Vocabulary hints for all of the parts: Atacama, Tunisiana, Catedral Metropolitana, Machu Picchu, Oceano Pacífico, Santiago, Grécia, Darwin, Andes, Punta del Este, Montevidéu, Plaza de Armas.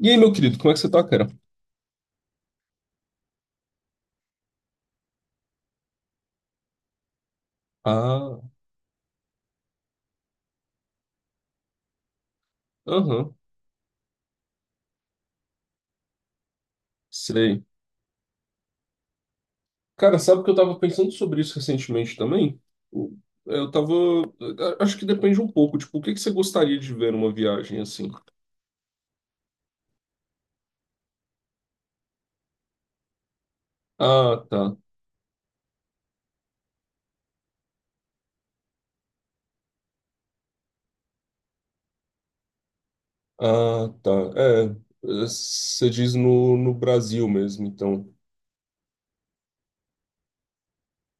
E aí, meu querido, como é que você tá, cara? Ah, aham, sei. Cara, sabe que eu tava pensando sobre isso recentemente também? O- Eu tava. Acho que depende um pouco, tipo, o que que você gostaria de ver numa viagem assim? Ah, tá. Ah, tá. É, você diz no Brasil mesmo, então.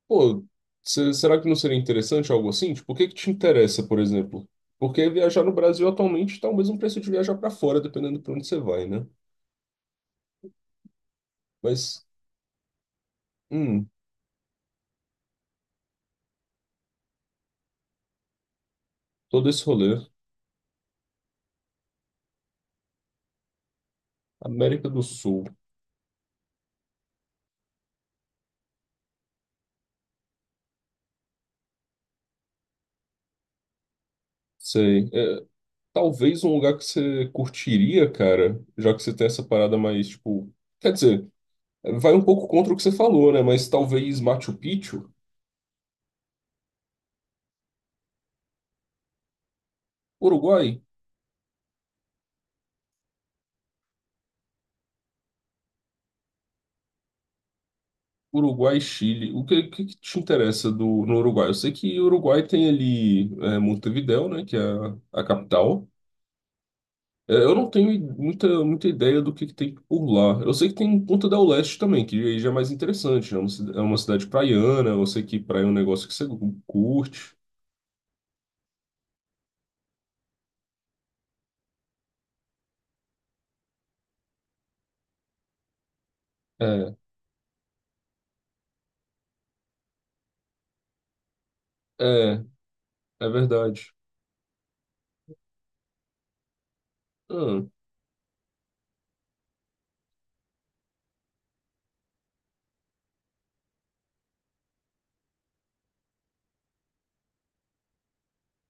Pô, será que não seria interessante algo assim? Tipo, o que que te interessa, por exemplo? Porque viajar no Brasil atualmente tá o mesmo preço de viajar pra fora, dependendo pra onde você vai, né? Mas, hum, todo esse rolê. América do Sul. Sei. É, talvez um lugar que você curtiria, cara, já que você tem essa parada mais, tipo. Quer dizer, vai um pouco contra o que você falou, né? Mas talvez Machu Picchu? Uruguai? Uruguai, Chile. O que te interessa no Uruguai? Eu sei que o Uruguai tem ali é, Montevidéu, né? Que é a capital. É, eu não tenho muita, muita ideia do que tem por lá. Eu sei que tem Ponta del Este também, que aí já é mais interessante, né? É uma cidade praiana, eu sei que praia é um negócio que você curte. É, é, é verdade.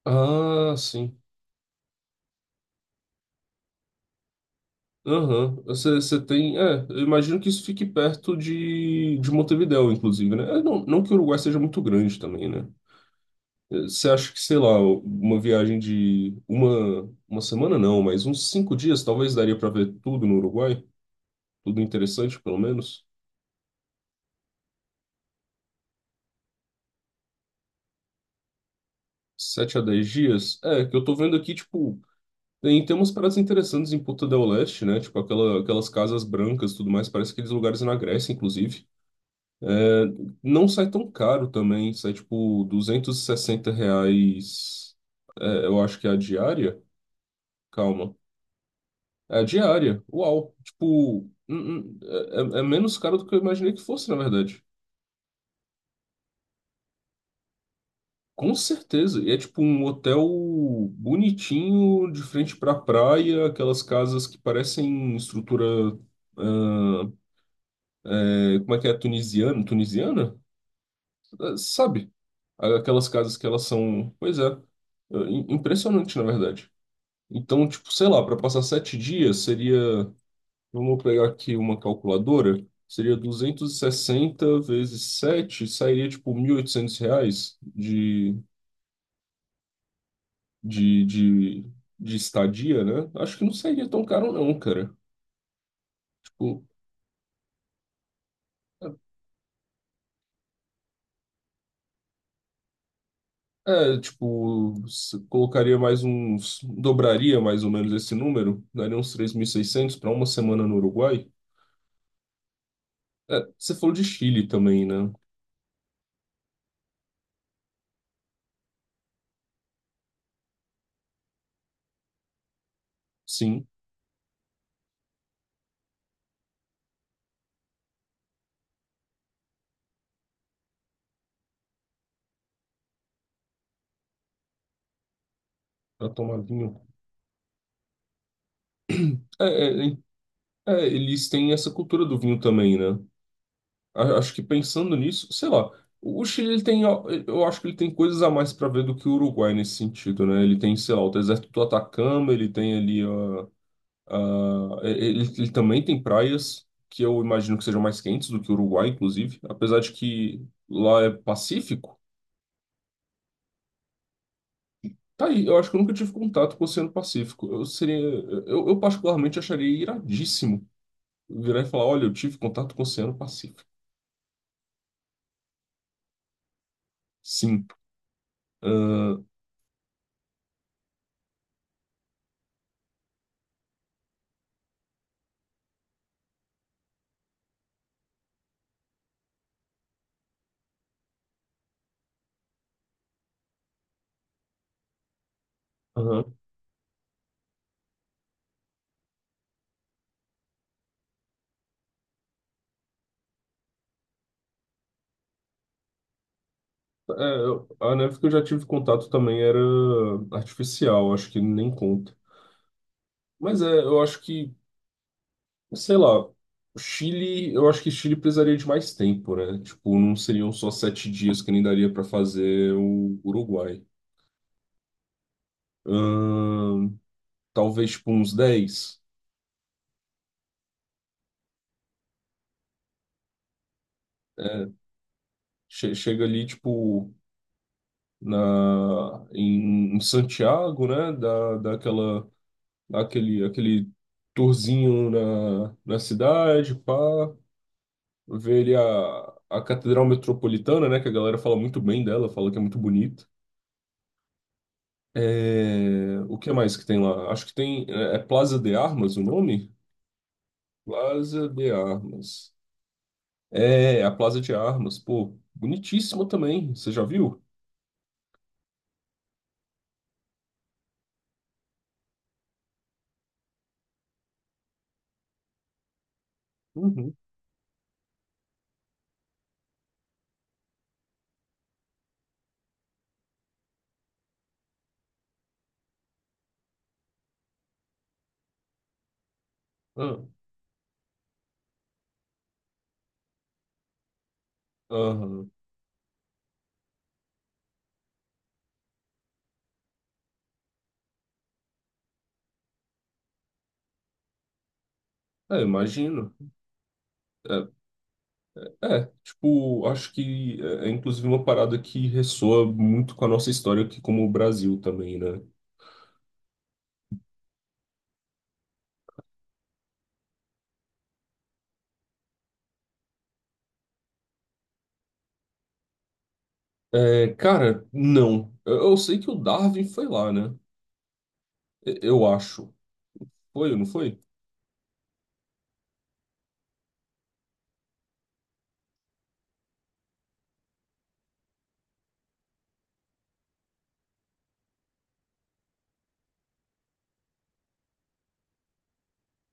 Ah, ah, sim. Aham. Você tem. É, eu imagino que isso fique perto de Montevidéu, inclusive, né? É, não, não que o Uruguai seja muito grande também, né? É, você acha que, sei lá, uma viagem de uma semana não, mas uns 5 dias talvez daria para ver tudo no Uruguai? Tudo interessante, pelo menos. 7 a 10 dias? É, que eu tô vendo aqui, tipo, tem umas paradas interessantes em Punta del Este, né? Tipo, aquelas casas brancas e tudo mais, parece aqueles lugares na Grécia, inclusive. Não sai tão caro também, sai, tipo, R$ 260, eu acho que é a diária? Calma. É a diária, uau. Tipo, é menos caro do que eu imaginei que fosse, na verdade. Com certeza. E é tipo um hotel bonitinho, de frente pra praia, aquelas casas que parecem estrutura. Ah, é, como é que é? Tunisiana? Tunisiana? Ah, sabe? Aquelas casas que elas são. Pois é. Ah, impressionante, na verdade. Então, tipo, sei lá, para passar 7 dias seria. Vamos pegar aqui uma calculadora. Seria 260 vezes 7 sairia tipo R$ 1.800 de, de, de estadia, né? Acho que não sairia tão caro, não, cara. Tipo, tipo, colocaria mais uns. Dobraria mais ou menos esse número, daria uns 3.600 para uma semana no Uruguai. É, você falou de Chile também, né? Sim, para tomar vinho. É, é, é, é, eles têm essa cultura do vinho também, né? Acho que pensando nisso, sei lá. O Chile ele tem, ó, eu acho que ele tem coisas a mais para ver do que o Uruguai nesse sentido, né? Ele tem, sei lá, o deserto do Atacama, ele tem ali. Ah, ele também tem praias que eu imagino que sejam mais quentes do que o Uruguai, inclusive, apesar de que lá é Pacífico. Tá aí, eu acho que eu nunca tive contato com o Oceano Pacífico. Eu particularmente acharia iradíssimo virar e falar, olha, eu tive contato com o Oceano Pacífico. Sim. Ah, aham. É, a neve que eu já tive contato também era artificial, acho que nem conta. Mas é, eu acho que sei lá, o Chile, eu acho que o Chile precisaria de mais tempo, né? Tipo, não seriam só 7 dias que nem daria pra fazer o Uruguai. Ahn, Talvez, tipo, uns 10. É, chega ali, tipo, em Santiago, né? Dá aquele tourzinho na cidade, pá. Ver ali a Catedral Metropolitana, né? Que a galera fala muito bem dela, fala que é muito bonita. É, o que mais que tem lá? Acho que tem. É Plaza de Armas o nome? Plaza de Armas. É, a Plaza de Armas. Pô, bonitíssima também. Você já viu? Uhum. Ah, aham. É, imagino. É, é, tipo, acho que é inclusive uma parada que ressoa muito com a nossa história aqui como o Brasil também, né? É, cara, não. Eu sei que o Darwin foi lá, né? Eu acho. Foi ou não foi?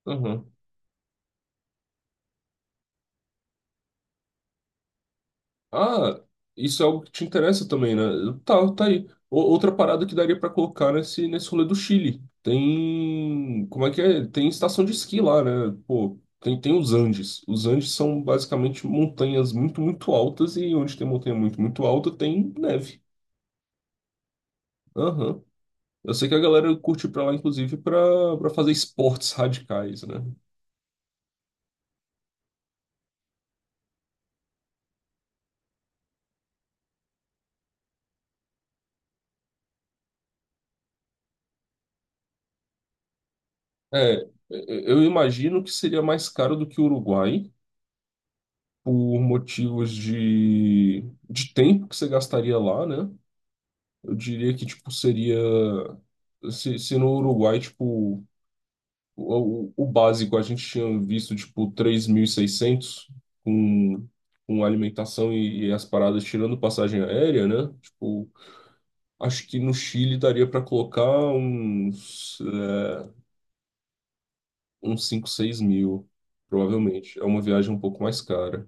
Aham. Ah, isso é algo que te interessa também, né? Tá, tá aí. Outra parada que daria pra colocar nesse rolê do Chile. Tem. Como é que é? Tem estação de esqui lá, né? Pô, tem os Andes. Os Andes são basicamente montanhas muito, muito altas e onde tem montanha muito, muito alta tem neve. Aham. Eu sei que a galera curte ir pra lá, inclusive, pra fazer esportes radicais, né? É, eu imagino que seria mais caro do que o Uruguai. Por motivos de tempo que você gastaria lá, né? Eu diria que, tipo, seria... Se no Uruguai, tipo, o básico a gente tinha visto, tipo, 3.600 com, com alimentação e as paradas tirando passagem aérea, né? Tipo, acho que no Chile daria para colocar uns, eh, uns 5 6 mil, provavelmente. É uma viagem um pouco mais cara.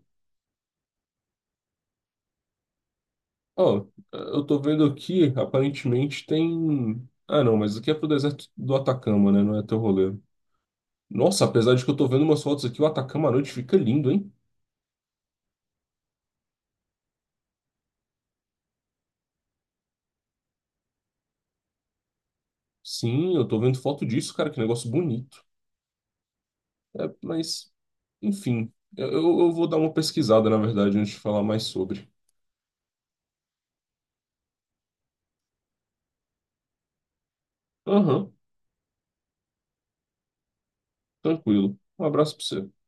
Ó, eu tô vendo aqui, aparentemente tem. Ah, não, mas aqui é pro deserto do Atacama, né? Não é teu rolê. Nossa, apesar de que eu tô vendo umas fotos aqui, o Atacama à noite fica lindo, hein? Sim, eu tô vendo foto disso, cara, que negócio bonito. É, mas, enfim, eu vou dar uma pesquisada, na verdade, antes de falar mais sobre. Aham, tranquilo. Um abraço pra você.